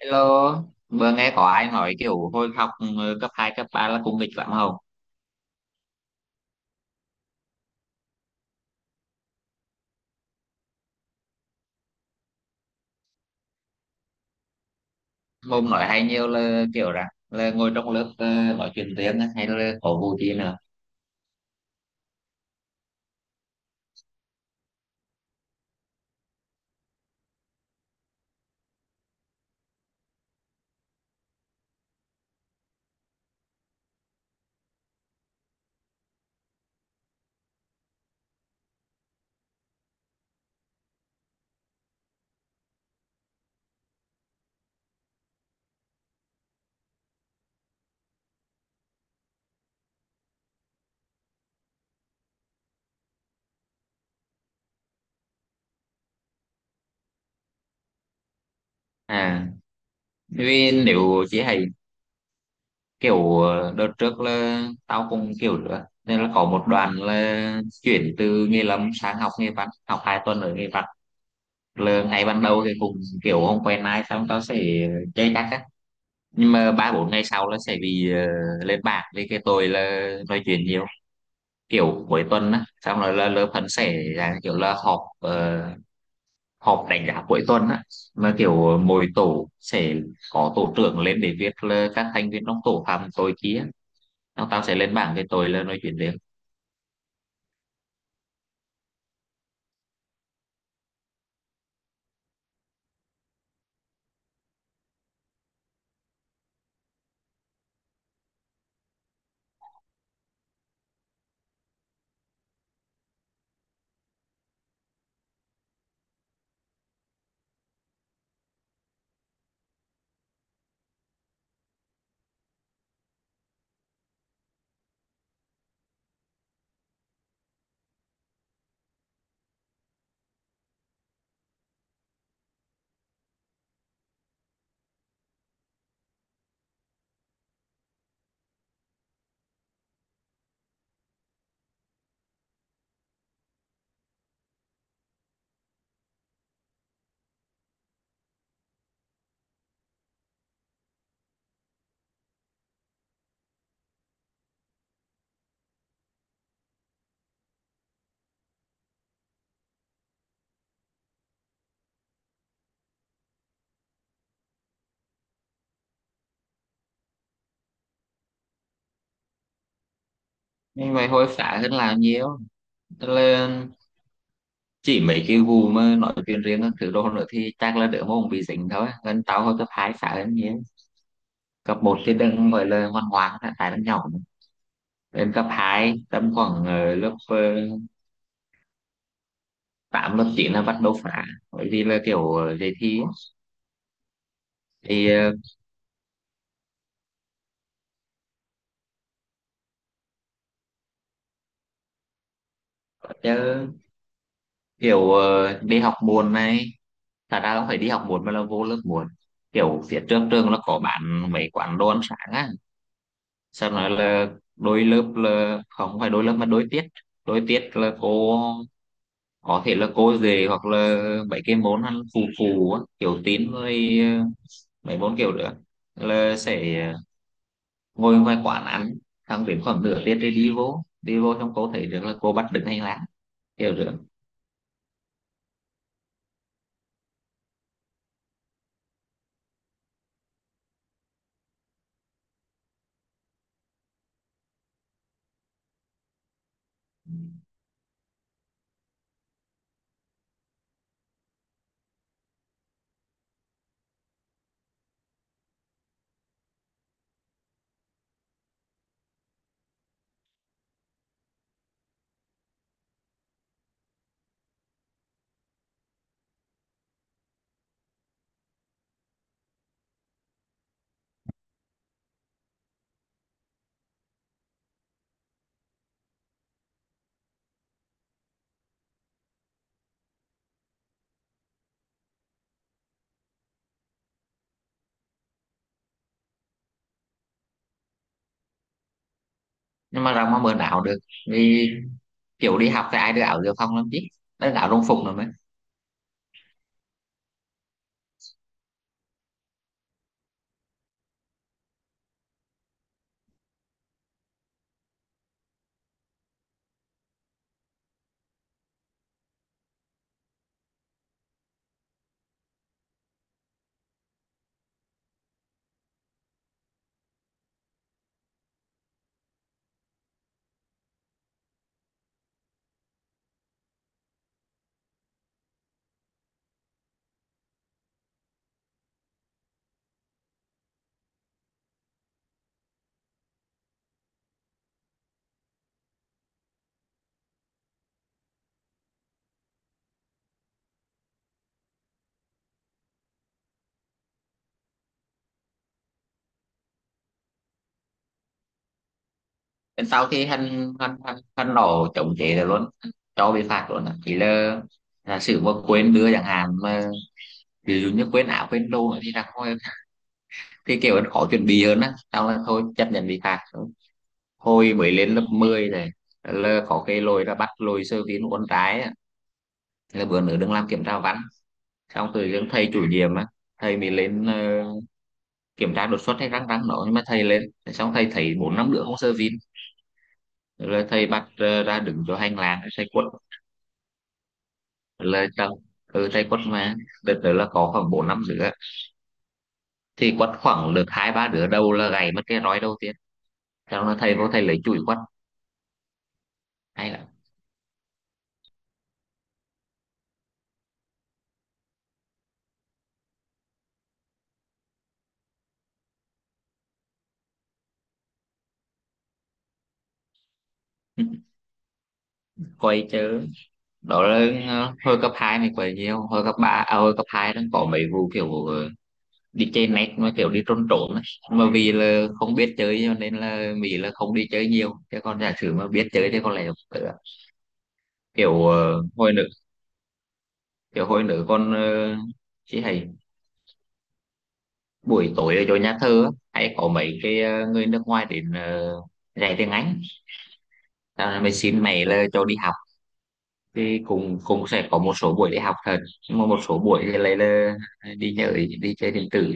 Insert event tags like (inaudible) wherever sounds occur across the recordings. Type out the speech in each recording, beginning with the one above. Hello, vừa nghe có ai nói kiểu hồi học cấp 2 cấp 3 là cũng nghịch lắm không? Môn nói hay nhiều là kiểu rằng là ngồi trong lớp nói chuyện tiếng á, hay là có vụ gì nữa. À, vì nếu chị hay kiểu đợt trước là tao cũng kiểu nữa. Nên là có một đoàn là chuyển từ nghề lâm sang học nghề văn, học 2 tuần ở nghề văn. Là ngày ban đầu thì cũng kiểu không quen ai xong tao sẽ chơi chắc á. Nhưng mà ba bốn ngày sau là sẽ bị lên bảng vì cái tôi là nói chuyện nhiều, kiểu cuối tuần á, xong rồi là lớp phân sẽ là kiểu là họp, họp đánh giá cuối tuần á, mà kiểu mỗi tổ sẽ có tổ trưởng lên để viết là các thành viên trong tổ phạm tội kia, nó tao sẽ lên bảng cái tội là nói chuyện riêng. Nhưng vậy hối phá hơn là nhiều. Tức là chỉ mấy cái vụ mà nói chuyện riêng các thứ đồ nữa thì chắc là đỡ mong bị dính thôi, nên tao hồi cấp hai phá hơn nhiều. Cấp một thì đừng gọi là ngoan ngoãn, tại đang nhỏ. Lên cấp hai tầm khoảng lớp tám lớp chín là bắt đầu phá, bởi vì là kiểu đề thi ấy. Thì kiểu đi học muộn này, thật ra không phải đi học muộn mà là vô lớp muộn. Kiểu phía trước trường nó có bán mấy quán đồ ăn sáng á, sau nói là đôi lớp, là không phải đôi lớp mà đôi tiết. Đôi tiết là cô có thể là cô về hoặc là mấy cái môn ăn phù phù á, kiểu tín với mấy môn kiểu nữa, là sẽ ngồi ngoài quán ăn, thằng đến khoảng nửa tiếng thì đi vô trong cô thấy được là cô bắt đứng hành lang kiểu được. Nhưng mà rằng mà mượn áo được, vì kiểu đi học thì ai đưa áo dự phòng làm chứ, đấy là áo đồng phục rồi mới. Đến sau khi hắn hắn hắn hắn nổ chống chế rồi luôn cho bị phạt luôn á. Chỉ là sự mà quên đưa chẳng hạn mà, ví dụ như quên áo quên đồ thì là thôi, thì kiểu khó chuẩn bị hơn á, xong là thôi chấp nhận bị phạt. Thôi mới lên lớp 10 này là có cái lỗi là bắt lỗi sơ tín uốn trái. Thế là bữa nữa đừng làm kiểm tra văn, xong tự dưng thầy chủ nhiệm á, thầy mình lên kiểm tra đột xuất hay răng răng nó, nhưng mà thầy lên. Thế xong thầy thấy bốn năm đứa không sơ vin, rồi thầy bắt ra đứng cho hành lang thầy quất. Rồi là chào, thầy quất mà. Đợt đó là có khoảng bốn năm đứa, thì quất khoảng được hai ba đứa đầu là gãy mất cái roi đầu tiên, xong là thầy vô thầy lấy chùi quất hay là (laughs) quay chứ. Đó là hồi cấp 2 mình quay nhiều hồi cấp 3, à, hồi cấp 2 đang có mấy vụ kiểu đi chơi net mà kiểu đi trốn trốn ấy. Mà vì là không biết chơi cho nên là Mỹ là không đi chơi nhiều, chứ còn giả sử mà biết chơi thì có lẽ là kiểu hồi nữa kiểu hồi nữa con chị hay buổi tối ở chỗ nhà thơ á, hay có mấy cái người nước ngoài đến dạy tiếng Anh. Tao là mình xin mẹ là cho đi học, thì cũng cũng sẽ có một số buổi đi học thật, nhưng mà một số buổi thì lại là đi nhờ đi chơi điện tử.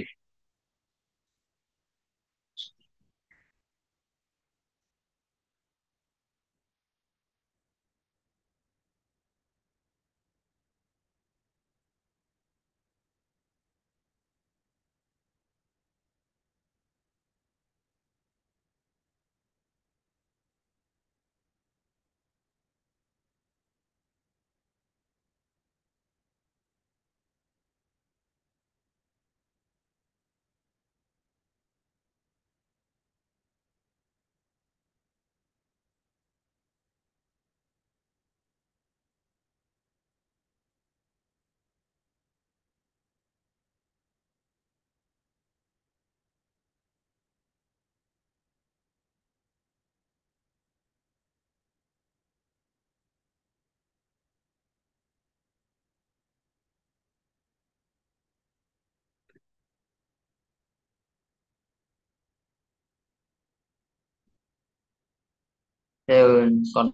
Thế còn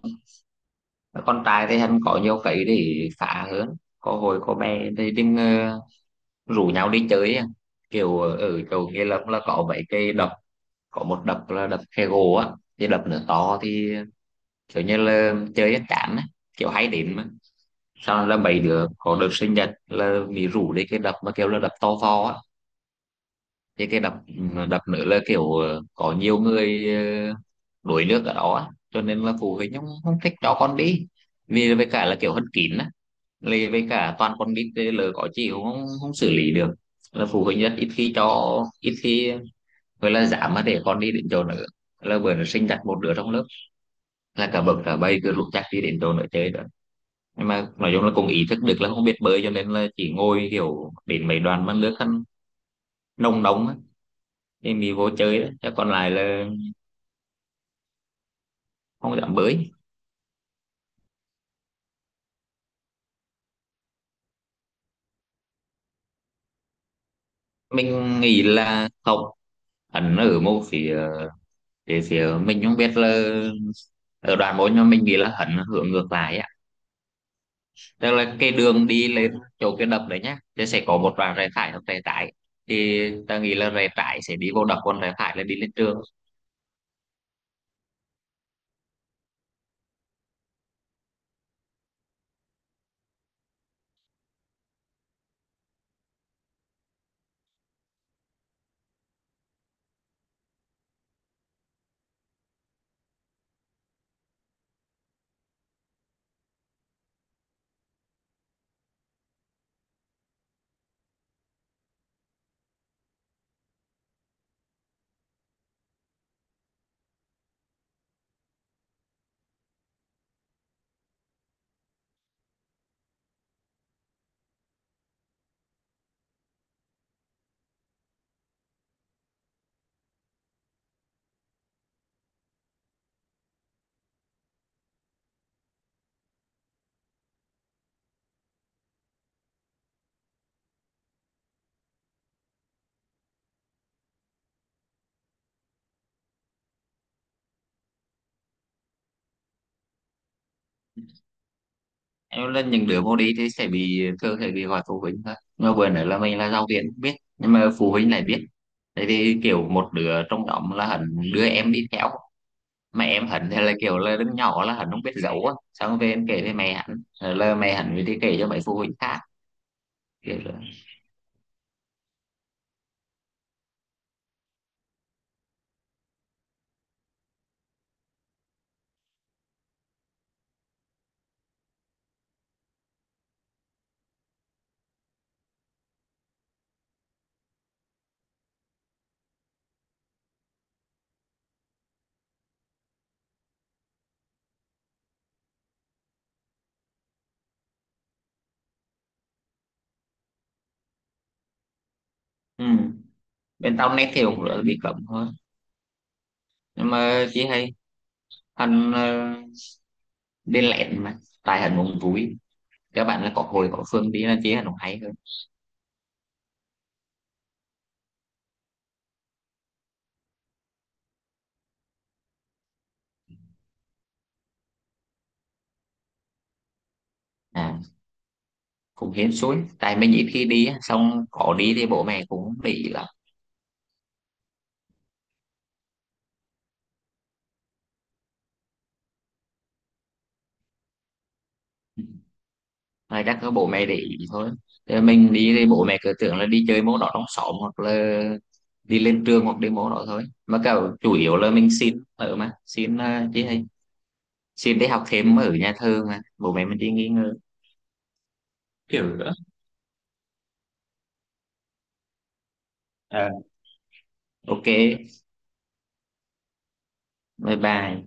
con trai thì hắn có nhiều cái để phá hơn. Có hồi có bé thì đừng rủ nhau đi chơi á. Kiểu ở chỗ Nghĩa Lâm là có mấy cái đập, có một đập là đập khe gỗ á, cái đập nữa to thì kiểu như là chơi hết chán á, kiểu hay đến mà. Sau là mấy đứa có đợt sinh nhật là bị rủ đi cái đập mà kiểu là đập to to á, cái đập đập nữa là kiểu có nhiều người ờ, đuổi nước ở đó á. Cho nên là phụ huynh không thích cho con đi, vì với cả là kiểu hân kín á. Lì với cả toàn con nít thì lỡ có chị cũng không xử lý được, là phụ huynh rất ít khi cho, ít khi gọi là dám mà để con đi đến chỗ nữa. Là bữa nó sinh đặt một đứa trong lớp là cả bậc cả bay cứ lục chắc đi đến chỗ nữa chơi đó. Nhưng mà nói chung là cũng ý thức được là không biết bơi, cho nên là chỉ ngồi kiểu đến mấy đoàn mà nước khăn nông nóng á thì mình vô chơi đó, chứ còn lại là không dám bơi. Mình nghĩ là không, hắn ở một phía. Phía mình không biết là ở đoàn bốn, nhưng mà mình nghĩ là hắn hướng ngược lại á. Tức là cái đường đi lên chỗ cái đập đấy nhá, thì sẽ có một đoạn rẽ phải hoặc rẽ trái, thì ta nghĩ là rẽ trái sẽ đi vô đập, còn rẽ phải là đi lên trường. Em là những đứa vô đi thì sẽ bị, thường sẽ bị gọi phụ huynh thôi, mà vừa nữa là mình là giáo viên biết, nhưng mà phụ huynh lại biết, tại thì kiểu một đứa trong nhóm là hẳn đưa em đi theo. Mà em hẳn thì là kiểu là đứa nhỏ, là hẳn không biết giấu á, xong về em kể với mẹ hẳn. Rồi là mẹ hẳn mới đi kể cho mấy phụ huynh khác, kiểu là ừ. Bên tao nét thì cũng bị cấm thôi, nhưng mà chị hay Hân bên lẹn mà tài Hân cũng vui, các bạn là có hồi có Phương đi là chế Hân cũng hay hơn. À, cũng hên suối tại mình ít khi đi, xong có đi thì bộ mẹ cũng để ý lắm. Mà chắc có bộ mẹ để ý thôi. Thế mình đi thì bộ mẹ cứ tưởng là đi chơi môn đó trong xóm hoặc là đi lên trường hoặc đi môn đó thôi, mà cả chủ yếu là mình xin ở mà xin, chứ hay xin để học thêm ở nhà thơ mà bộ mẹ mình đi nghỉ ngơi kiểu nữa. Ờ, ok, bye bye.